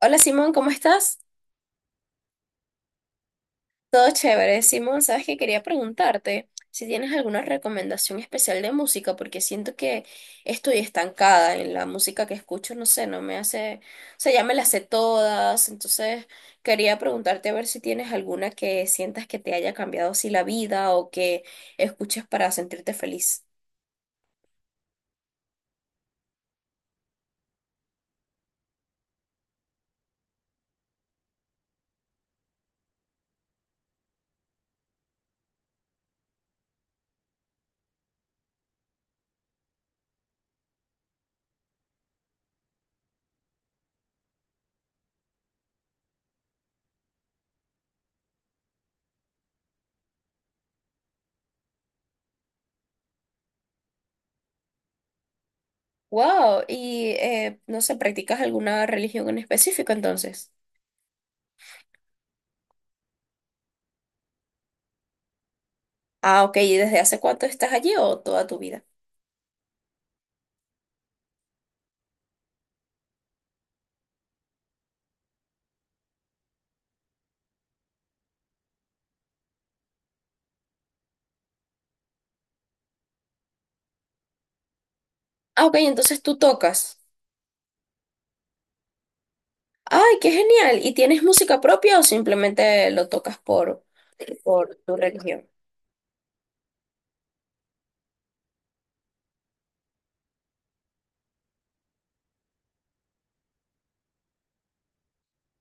Hola, Simón, ¿cómo estás? Todo chévere. Simón, sabes que quería preguntarte si tienes alguna recomendación especial de música, porque siento que estoy estancada en la música que escucho, no sé, no me hace, o sea, ya me las sé todas, entonces quería preguntarte a ver si tienes alguna que sientas que te haya cambiado así la vida o que escuches para sentirte feliz. Wow, y no sé, ¿practicas alguna religión en específico entonces? Ah, ok, ¿y desde hace cuánto estás allí o toda tu vida? Ah, ok, entonces tú tocas. Ay, qué genial. ¿Y tienes música propia o simplemente lo tocas por tu religión?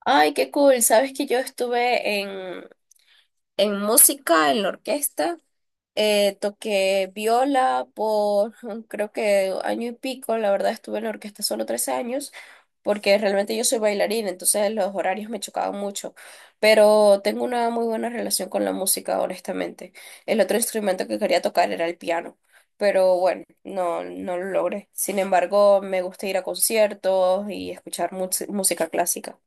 Ay, qué cool. Sabes que yo estuve en música, en la orquesta. Toqué viola por creo que año y pico, la verdad estuve en la orquesta solo 13 años, porque realmente yo soy bailarina, entonces los horarios me chocaban mucho, pero tengo una muy buena relación con la música, honestamente. El otro instrumento que quería tocar era el piano, pero bueno, no lo logré. Sin embargo, me gusta ir a conciertos y escuchar música clásica.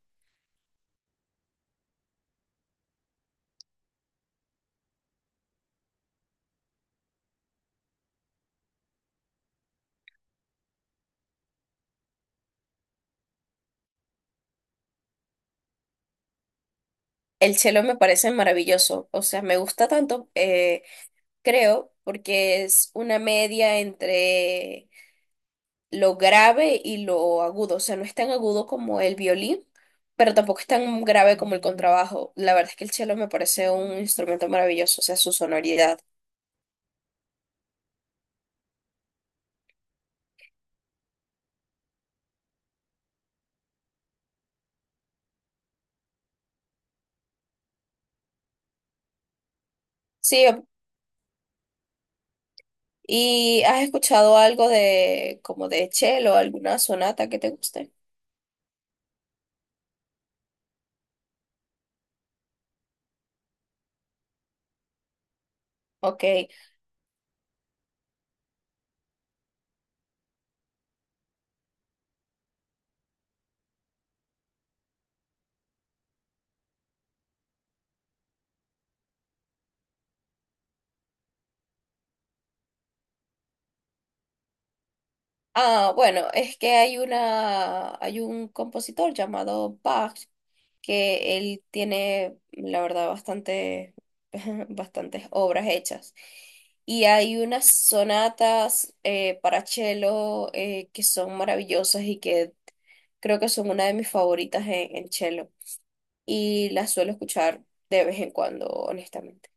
El cello me parece maravilloso, o sea, me gusta tanto. Creo, porque es una media entre lo grave y lo agudo. O sea, no es tan agudo como el violín, pero tampoco es tan grave como el contrabajo. La verdad es que el cello me parece un instrumento maravilloso, o sea, su sonoridad. Sí, ¿y has escuchado algo de como de cello, alguna sonata que te guste? Ok. Ah, bueno, es que hay un compositor llamado Bach que él tiene, la verdad, bastante, bastantes obras hechas. Y hay unas sonatas para cello que son maravillosas y que creo que son una de mis favoritas en cello. Y las suelo escuchar de vez en cuando, honestamente.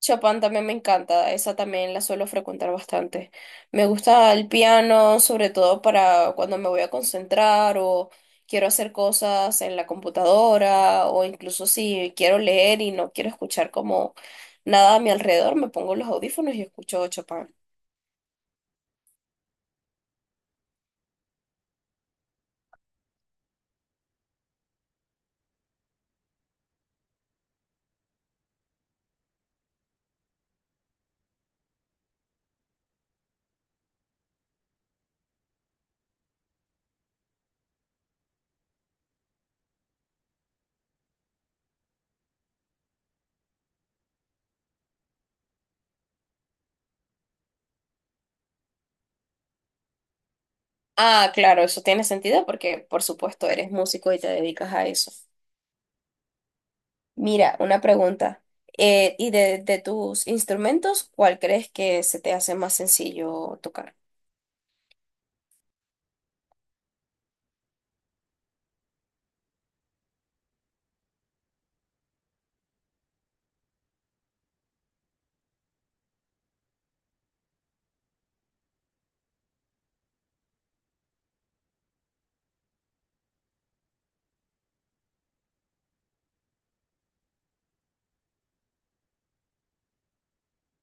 Chopin también me encanta, esa también la suelo frecuentar bastante. Me gusta el piano, sobre todo para cuando me voy a concentrar o quiero hacer cosas en la computadora o incluso si quiero leer y no quiero escuchar como nada a mi alrededor, me pongo los audífonos y escucho Chopin. Ah, claro, eso tiene sentido porque por supuesto eres músico y te dedicas a eso. Mira, una pregunta. ¿Y de tus instrumentos, cuál crees que se te hace más sencillo tocar?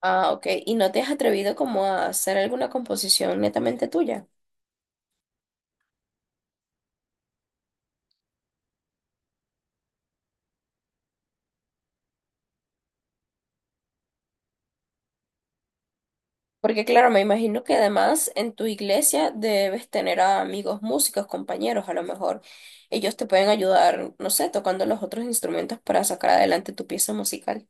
Ah, ok. ¿Y no te has atrevido como a hacer alguna composición netamente tuya? Porque claro, me imagino que además en tu iglesia debes tener a amigos músicos, compañeros, a lo mejor ellos te pueden ayudar, no sé, tocando los otros instrumentos para sacar adelante tu pieza musical.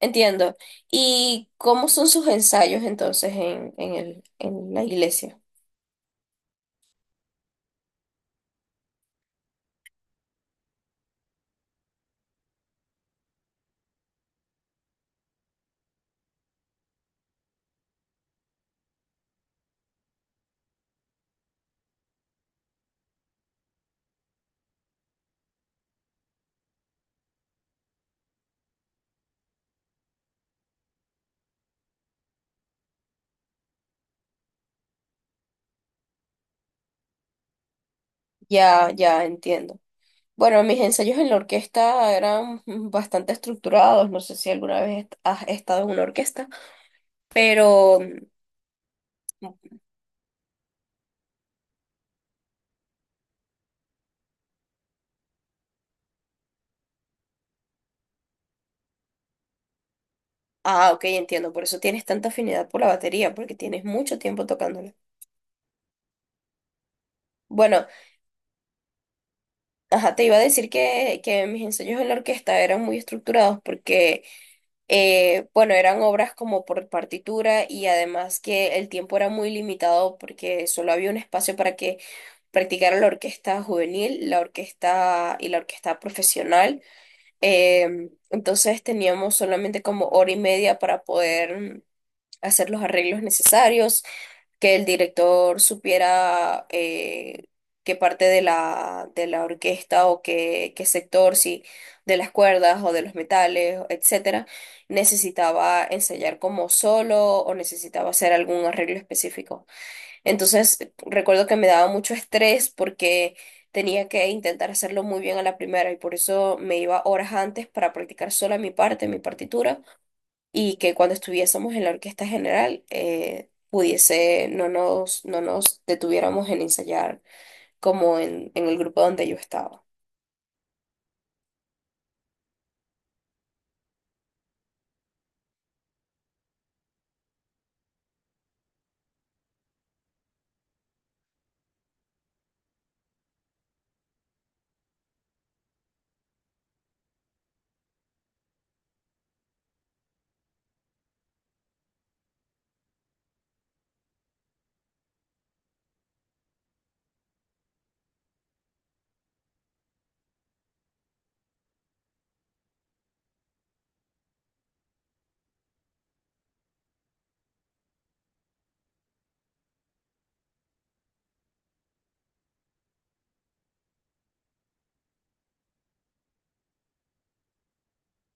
Entiendo. ¿Y cómo son sus ensayos entonces en la iglesia? Ya, ya entiendo. Bueno, mis ensayos en la orquesta eran bastante estructurados. No sé si alguna vez has estado en una orquesta. Pero, mm, ah, ok, entiendo, por eso tienes tanta afinidad por la batería, porque tienes mucho tiempo tocándola. Bueno, ajá, te iba a decir que mis ensayos en la orquesta eran muy estructurados porque, bueno, eran obras como por partitura y además que el tiempo era muy limitado porque solo había un espacio para que practicara la orquesta juvenil, la orquesta y la orquesta profesional. Em, entonces teníamos solamente como 1 hora y media para poder mm, hacer los arreglos necesarios que el director supiera qué parte de de la orquesta o qué sector, si de las cuerdas o de los metales, etcétera, necesitaba ensayar como solo o necesitaba hacer algún arreglo específico. Entonces, recuerdo que me daba mucho estrés porque tenía que intentar hacerlo muy bien a la primera y por eso me iba horas antes para practicar sola mi parte, mi partitura y que cuando estuviésemos en la orquesta general pudiese, no nos detuviéramos en ensayar como en el grupo donde yo estaba.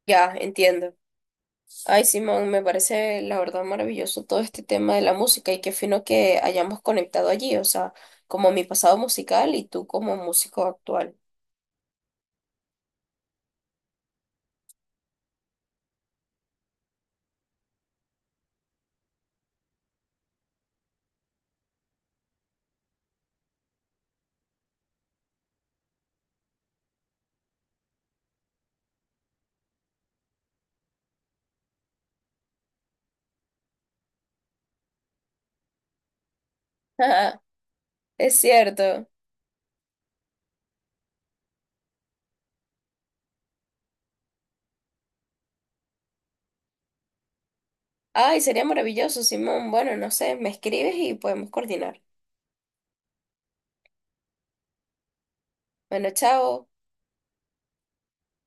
Ya, entiendo. Ay, Simón, me parece la verdad maravilloso todo este tema de la música y qué fino que hayamos conectado allí, o sea, como mi pasado musical y tú como músico actual. Es cierto. Ay, sería maravilloso, Simón. Bueno, no sé, me escribes y podemos coordinar. Bueno, chao.